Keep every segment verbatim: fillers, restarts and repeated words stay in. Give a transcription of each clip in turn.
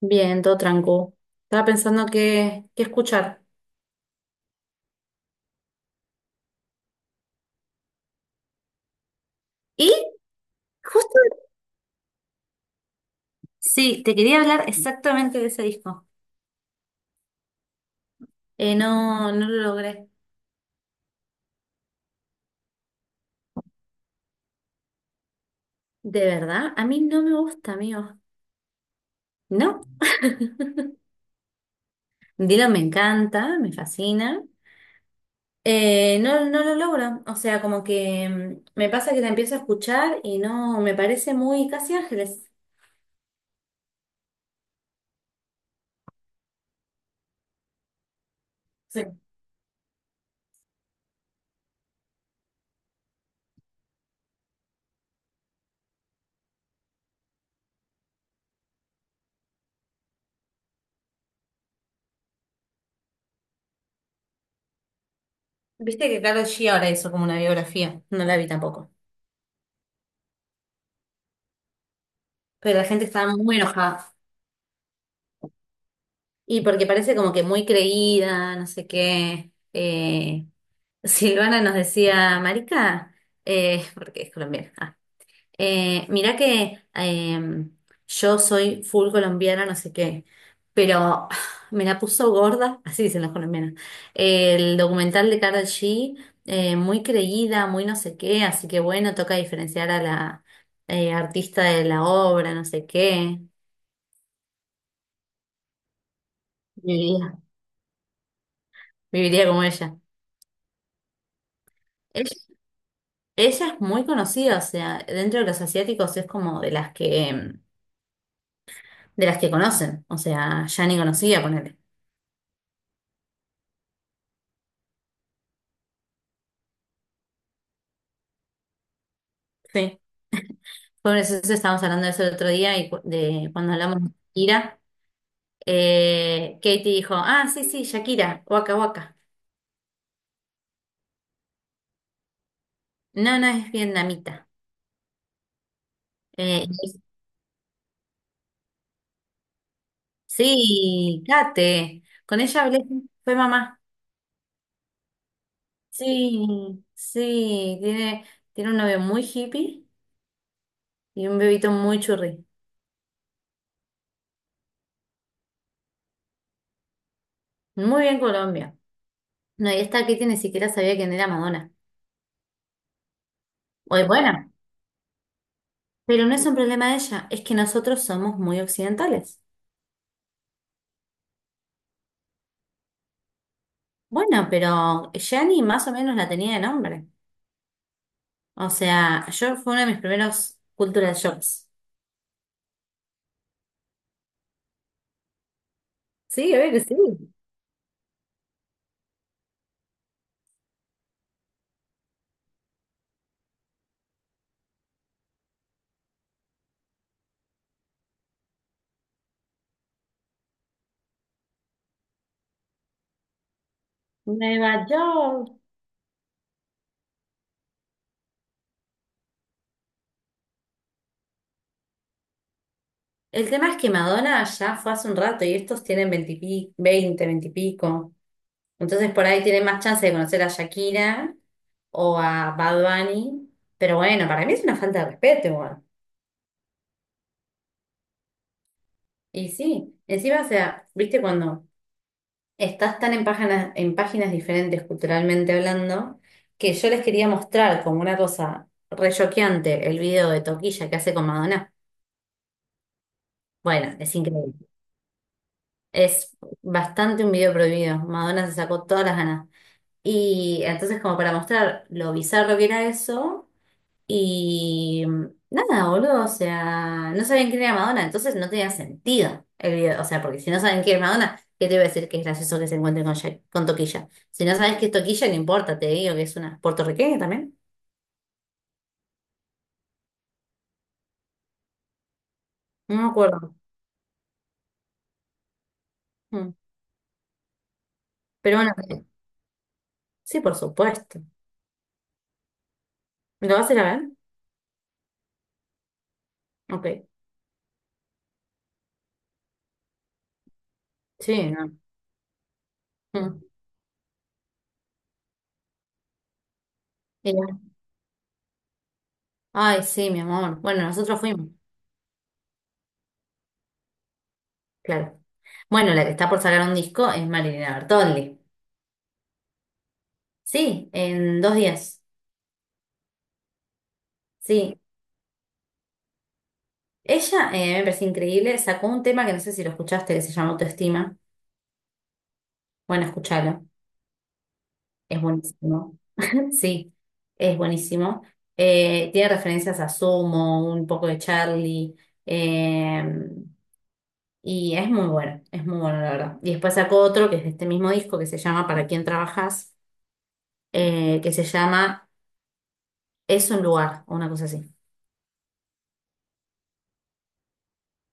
Bien, todo tranquilo. Estaba pensando qué, qué escuchar. Y justo, sí, te quería hablar exactamente de ese disco. Eh, no, no lo logré. De verdad, a mí no me gusta, amigo. No. Dylan me encanta, me fascina. Eh, no, no lo logro. O sea, como que mm, me pasa que la empiezo a escuchar y no, me parece muy casi Ángeles. Sí. Viste que Karol G ahora hizo como una biografía. No la vi tampoco. Pero la gente estaba muy enojada. Y porque parece como que muy creída, no sé qué. Eh, Silvana nos decía, Marica, eh, porque es colombiana. Ah, eh, mirá que eh, yo soy full colombiana, no sé qué, pero me la puso gorda, así dicen las colombianas. El documental de Karol G, eh, muy creída, muy no sé qué, así que bueno, toca diferenciar a la eh, artista de la obra, no sé qué. Viviría, viviría como ella. Ella es muy conocida, o sea, dentro de los asiáticos es como de las que, em, de las que conocen, o sea, ya ni conocía ponerle. Sí. Por eso eso estábamos hablando de eso el otro día y cu- de cuando hablamos de Shakira, eh, Katie dijo, ah, sí, sí, Shakira, Waka Waka. No, no es vietnamita. Eh, sí, Kate, con ella hablé, fue mamá. Sí, sí, tiene, tiene un novio muy hippie y un bebito muy churri. Muy bien Colombia. No, y esta Kitty ni siquiera sabía quién era Madonna. Oye, bueno, pero no es un problema de ella, es que nosotros somos muy occidentales. Bueno, pero Gianni más o menos la tenía de nombre. O sea, yo fue uno de mis primeros cultural shocks. Sí, a ver que sí. Nueva York. El tema es que Madonna ya fue hace un rato y estos tienen veinte veinte pi- y pico. Entonces por ahí tienen más chance de conocer a Shakira o a Bad Bunny. Pero bueno, para mí es una falta de respeto. Y sí, encima, o sea, viste cuando estás tan en páginas, en páginas diferentes culturalmente hablando, que yo les quería mostrar como una cosa re choqueante el video de Toquilla que hace con Madonna. Bueno, es increíble. Es bastante un video prohibido. Madonna se sacó todas las ganas. Y entonces, como para mostrar lo bizarro que era eso, y mm, nada, boludo, o sea, no sabían quién era Madonna, entonces no tenía sentido el video. O sea, porque si no saben quién es Madonna, ¿qué te voy a decir que es gracioso que se encuentre con Shak- con Toquilla? Si no sabes que es Toquilla, no importa, te digo que es una puertorriqueña también. No me acuerdo. Mm. Pero bueno, eh, sí, por supuesto. ¿Me lo vas a ir a ver? Ok. Sí, no. Mm. Y ya. Ay, sí, mi amor. Bueno, nosotros fuimos, claro. Bueno, la que está por sacar un disco es Marilina Bertoldi. Sí, en dos días. Sí. Ella, eh, me parece increíble, sacó un tema que no sé si lo escuchaste, que se llama Autoestima. Bueno, escúchalo, es buenísimo. Sí, es buenísimo. Eh, tiene referencias a Sumo, un poco de Charlie, eh, y es muy bueno, es muy bueno, la verdad. Y después sacó otro que es de este mismo disco que se llama ¿Para quién trabajas? Eh, que se llama Es un lugar, o una cosa así.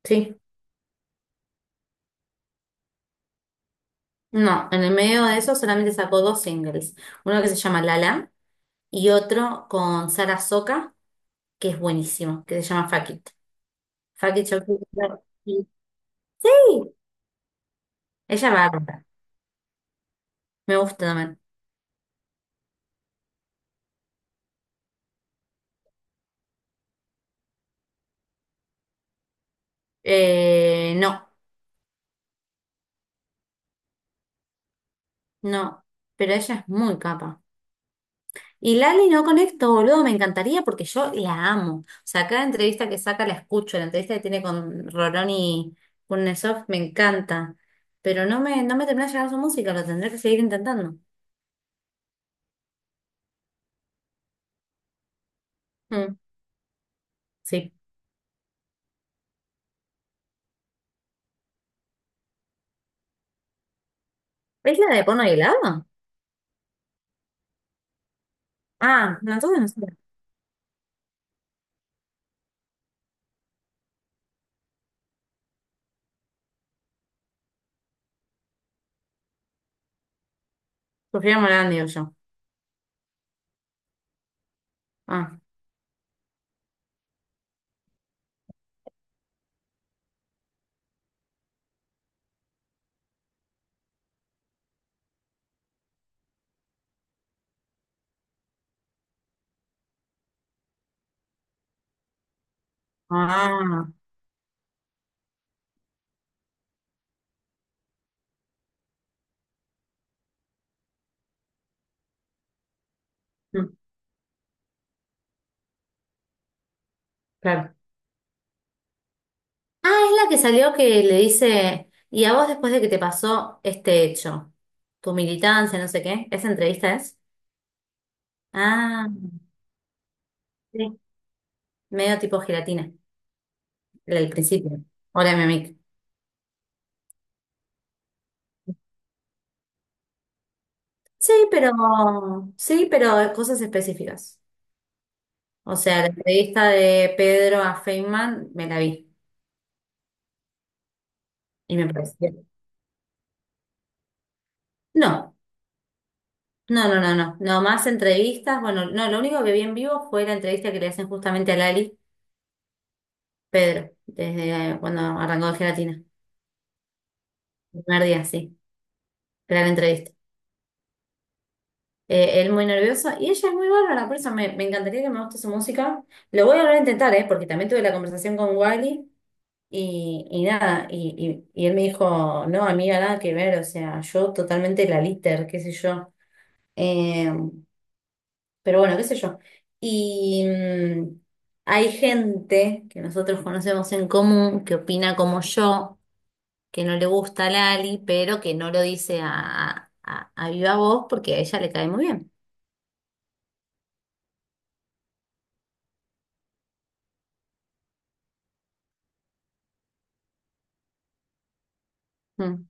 Sí. No, en el medio de eso solamente sacó dos singles, uno que se llama Lala y otro con Sara Soca que es buenísimo, que se llama Fuck It. Fuck It, Chocolate Factory. Sí, ella va a comprar. Me gusta también. Eh, no, no, pero ella es muy capa. Y Lali no conecto, boludo, me encantaría porque yo la amo. O sea, cada entrevista que saca la escucho, la entrevista que tiene con Rolón y Kurnesov me encanta. Pero no me, no me termina de llegar su música, lo tendré que seguir intentando. Mm, sí. ¿Es la de Pono y helado? Ah, no, entonces no sé. Sofía Morán, digo yo. Ah, ah, mm, claro. Ah, es la que salió que le dice, y a vos después de que te pasó este hecho, tu militancia, no sé qué, ¿esa entrevista es? Ah, sí, medio tipo gelatina, la del principio. Hola, mi amiga. Sí, pero, sí, pero cosas específicas. O sea, la entrevista de Pedro a Feynman me la vi y me pareció. No, no, no, no, no, no más entrevistas. Bueno, no, lo único que vi en vivo fue la entrevista que le hacen justamente a Lali, Pedro, desde eh, cuando arrancó de gelatina. El primer día, sí, era la entrevista. Eh, él muy nervioso y ella es muy bárbara, por eso me, me encantaría que me guste su música. Lo voy a volver a intentar, ¿eh? Porque también tuve la conversación con Wiley y, y nada, y, y, y él me dijo, no, amiga, nada que ver, o sea, yo totalmente la liter, qué sé yo. Eh, pero bueno, qué sé yo. Y mm, hay gente que nosotros conocemos en común que opina como yo que no le gusta a Lali, pero que no lo dice a, a, a viva voz porque a ella le cae muy bien. Mm,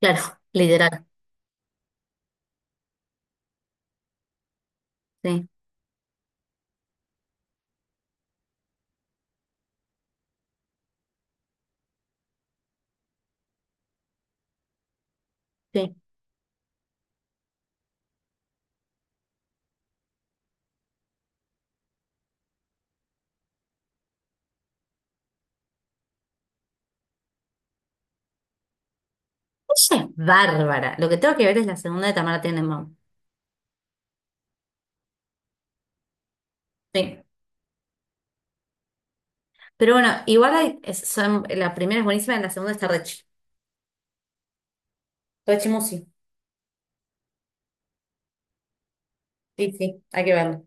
claro, literal. Sí, sí. Ella es bárbara. Lo que tengo que ver es la segunda de Tamara Tenenbaum. Sí. Pero bueno, igual hay- es- son, la primera es buenísima, la segunda está Rechi. Rechi Musi. Sí, sí, hay que verlo.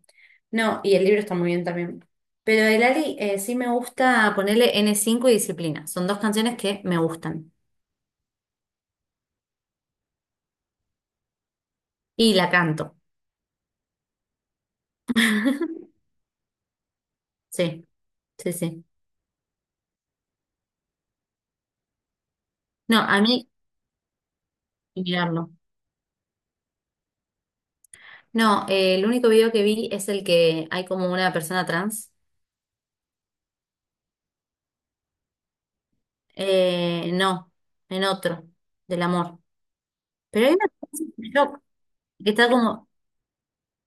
No, y el libro está muy bien también. Pero de Lali eh, sí me gusta ponerle n cinco y Disciplina. Son dos canciones que me gustan. Y la canto. Sí, sí, sí. No, a mí, mirarlo. No, eh, el único video que vi es el que hay como una persona trans. Eh, no, en otro, del amor. Pero hay una cosa que me choca, que está como,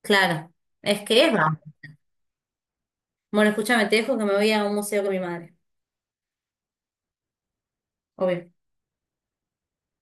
claro, es que es bravo. Bueno, escúchame, te dejo que me voy a un museo con mi madre. Obvio.